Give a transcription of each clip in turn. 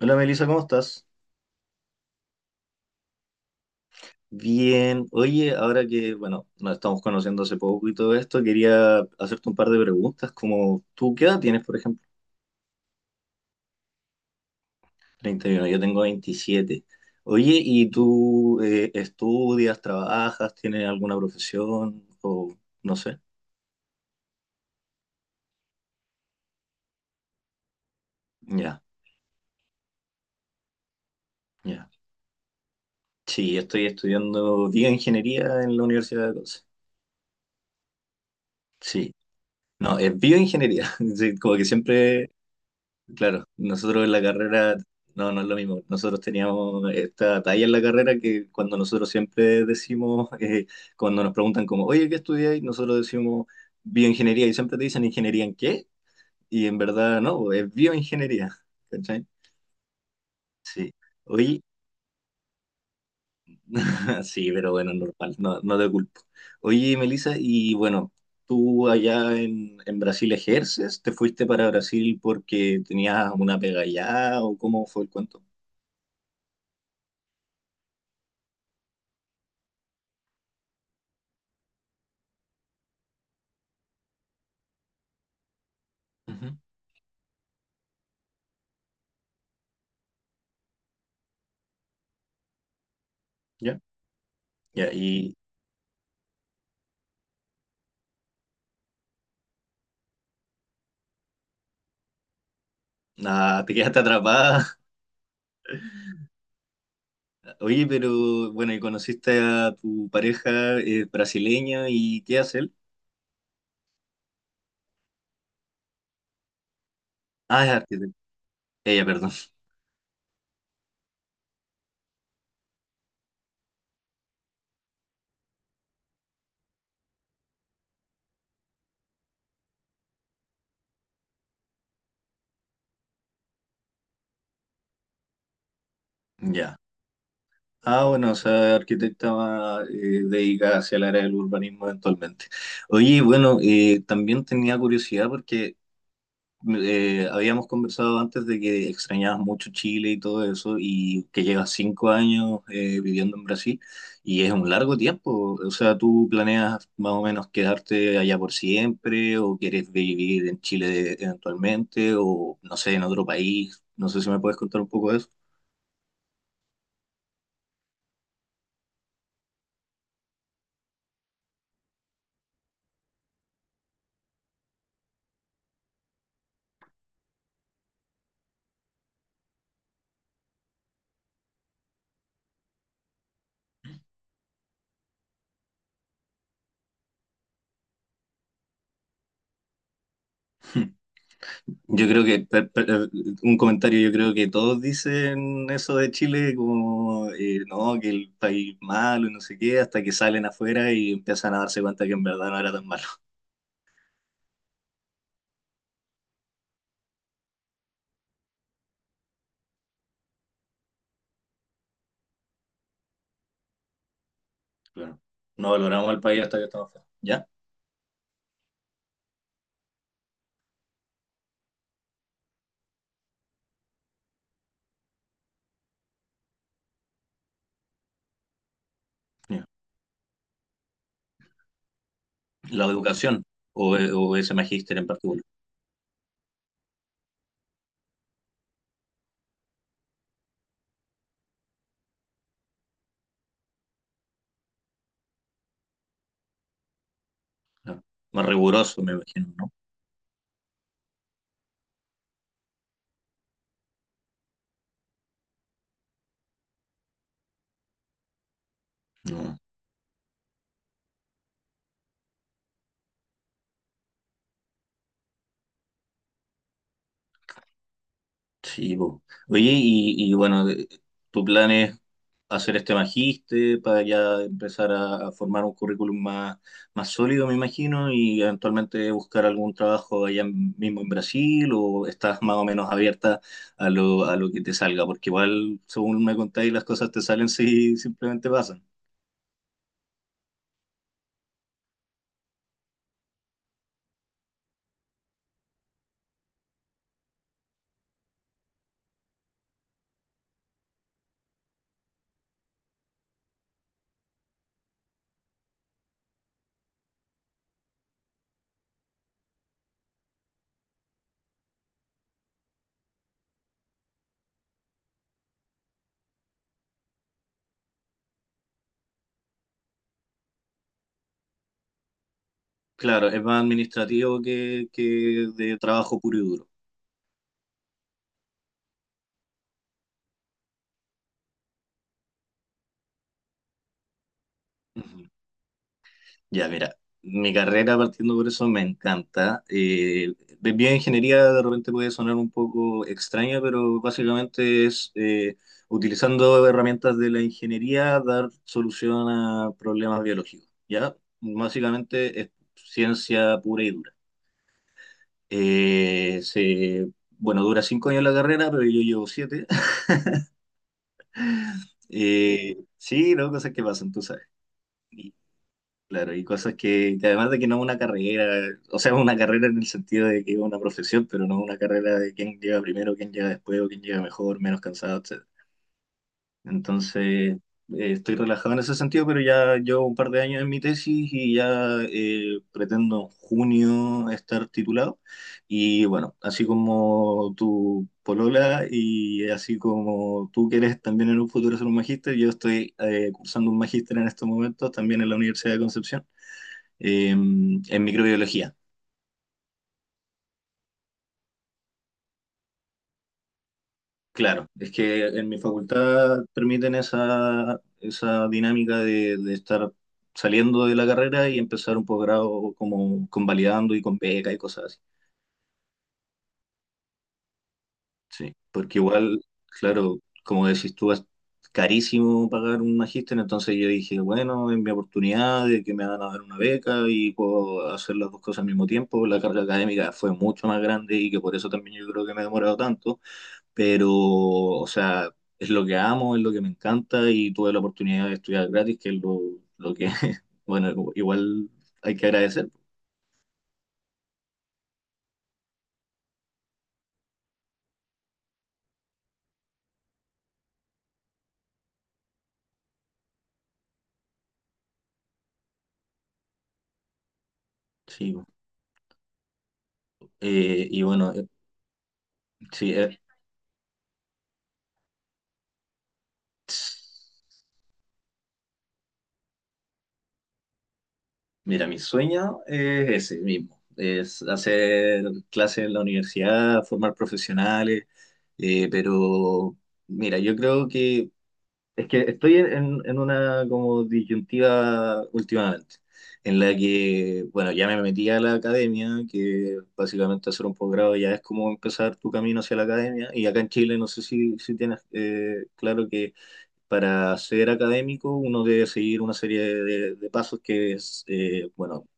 Hola Melissa, ¿cómo estás? Bien. Oye, ahora que, bueno, nos estamos conociendo hace poco y todo esto, quería hacerte un par de preguntas, como tú, ¿qué edad tienes, por ejemplo? 31. Yo tengo 27. Oye, ¿y tú estudias, trabajas, tienes alguna profesión o no sé? Ya, ya. Sí, estoy estudiando bioingeniería en la Universidad de Conce. Sí. No, es bioingeniería. Sí, como que siempre. Claro, nosotros en la carrera, no, no es lo mismo. Nosotros teníamos esta talla en la carrera que cuando nosotros siempre decimos, cuando nos preguntan como, oye, ¿qué estudiáis? Nosotros decimos bioingeniería y siempre te dicen ingeniería en qué, y en verdad no, es bioingeniería. ¿Cachai? Sí. Oye, sí, pero bueno, normal, no, no te culpo. Oye, Melissa, y bueno, tú allá en Brasil ejerces, ¿te fuiste para Brasil porque tenías una pega allá o cómo fue el cuento? Ujú. ¿Ya? Ya, y nada, te quedaste atrapada. Oye, pero bueno, y conociste a tu pareja brasileña y ¿qué hace él? Ah, es arquitecta. Ella, perdón. Ya. Ah, bueno, o sea, arquitecta más, dedicada hacia el área del urbanismo eventualmente. Oye, bueno, también tenía curiosidad porque habíamos conversado antes de que extrañabas mucho Chile y todo eso, y que llevas 5 años viviendo en Brasil, y es un largo tiempo. O sea, ¿tú planeas más o menos quedarte allá por siempre, o quieres vivir en Chile eventualmente, o no sé, en otro país? No sé si me puedes contar un poco de eso. Yo creo que, un comentario, yo creo que todos dicen eso de Chile, como, no, que el país malo y no sé qué, hasta que salen afuera y empiezan a darse cuenta que en verdad no era tan malo. Claro. No valoramos al país hasta que estamos afuera. ¿Ya? Ya. La educación, o ese magíster en particular. Claro. Más riguroso, me imagino, ¿no? No. Sí, po. Oye, y bueno, tu plan es hacer este magíster, para ya empezar a formar un currículum más, más sólido, me imagino, y eventualmente buscar algún trabajo allá mismo en Brasil, o estás más o menos abierta a lo que te salga, porque igual, según me contáis, las cosas te salen si simplemente pasan. Claro, es más administrativo que de trabajo puro y duro. Ujú. Ya, mira, mi carrera partiendo por eso me encanta. Bien, ingeniería de repente puede sonar un poco extraña, pero básicamente es utilizando herramientas de la ingeniería dar solución a problemas biológicos. Ya, básicamente es ciencia pura y dura. Eh, se, bueno, dura 5 años la carrera, pero yo llevo siete. Sí, no, cosas que pasan, tú sabes. Claro, y cosas que además de que no es una carrera, o sea, es una carrera en el sentido de que es una profesión, pero no es una carrera de quién llega primero, quién llega después, o quién llega mejor, menos cansado, etcétera. Entonces, estoy relajado en ese sentido, pero ya llevo un par de años en mi tesis y ya pretendo en junio estar titulado. Y bueno, así como tu polola y así como tú quieres también en un futuro ser un magíster, yo estoy cursando un magíster en estos momentos también en la Universidad de Concepción en microbiología. Claro, es que en mi facultad permiten esa dinámica de estar saliendo de la carrera y empezar un posgrado como convalidando y con beca y cosas así. Sí, porque igual, claro, como decís tú, es carísimo pagar un magíster, entonces yo dije, bueno, es mi oportunidad de que me van a dar una beca y puedo hacer las dos cosas al mismo tiempo. La carga académica fue mucho más grande y que por eso también yo creo que me he demorado tanto, pero, o sea, es lo que amo, es lo que me encanta y tuve la oportunidad de estudiar gratis, que es lo que, bueno, igual hay que agradecer. Sí, y bueno, sí, mira, mi sueño es ese mismo, es hacer clases en la universidad, formar profesionales, pero mira, yo creo que es que estoy en una como disyuntiva últimamente, en la que, bueno, ya me metí a la academia, que básicamente hacer un posgrado ya es como empezar tu camino hacia la academia, y acá en Chile no sé si tienes claro que para ser académico uno debe seguir una serie de pasos que es, bueno,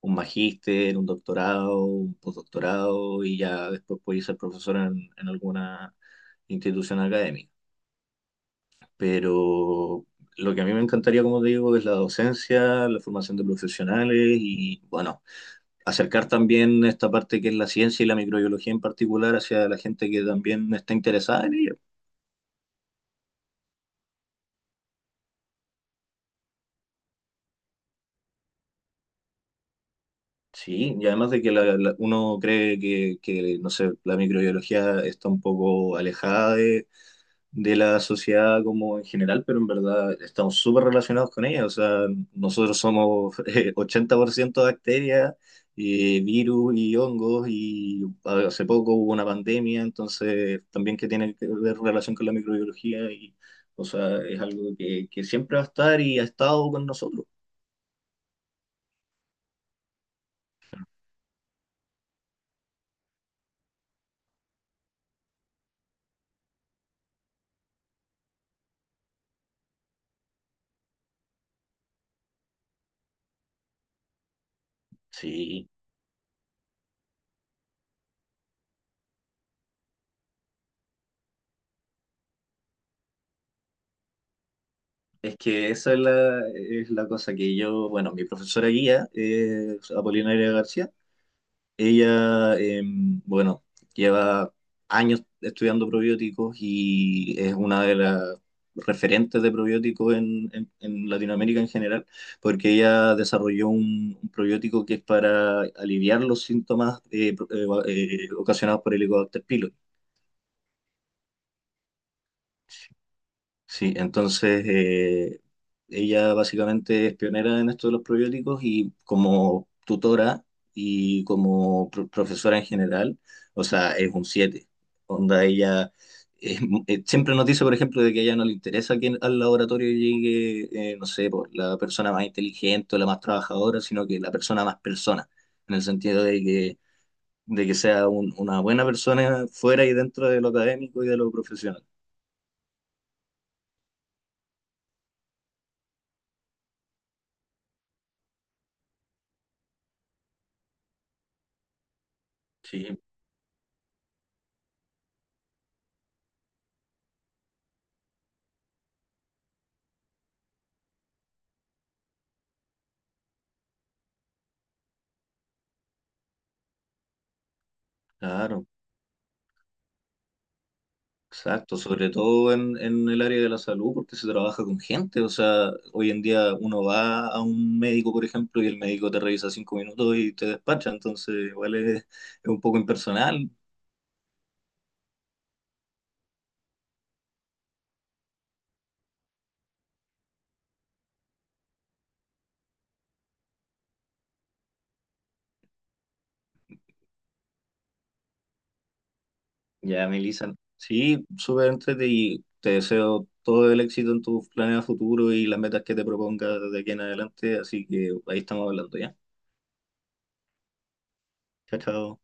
un magíster, un doctorado, un postdoctorado, y ya después puedes ser profesor en alguna institución académica, pero lo que a mí me encantaría, como te digo, es la docencia, la formación de profesionales y, bueno, acercar también esta parte que es la ciencia y la microbiología en particular hacia la gente que también está interesada en ello. Sí, y además de que uno cree no sé, la microbiología está un poco alejada de la sociedad como en general, pero en verdad estamos súper relacionados con ella. O sea, nosotros somos 80% bacterias, virus y hongos, y hace poco hubo una pandemia, entonces también que tiene que ver relación con la microbiología, y, o sea, es algo que siempre va a estar y ha estado con nosotros. Sí. Es que esa es es la cosa que yo, bueno, mi profesora guía, Apolinaria García, ella, bueno, lleva años estudiando probióticos y es una de las referentes de probióticos en Latinoamérica en general, porque ella desarrolló un probiótico que es para aliviar los síntomas ocasionados por el Helicobacter pylori. Sí, entonces ella básicamente es pionera en esto de los probióticos y como tutora y como profesora en general, o sea, es un 7. Onda, ella siempre nos dice, por ejemplo, de que a ella no le interesa que al laboratorio llegue, no sé, por la persona más inteligente o la más trabajadora, sino que la persona más persona, en el sentido de que sea una buena persona fuera y dentro de lo académico y de lo profesional. Sí, claro. Exacto, sobre todo en el área de la salud, porque se trabaja con gente. O sea, hoy en día uno va a un médico, por ejemplo, y el médico te revisa 5 minutos y te despacha. Entonces, igual es, es un poco impersonal. Ya, Melissa. Sí, súper entrete y te deseo todo el éxito en tus planes a futuro y las metas que te propongas de aquí en adelante. Así que ahí estamos hablando ya. Chao, chao.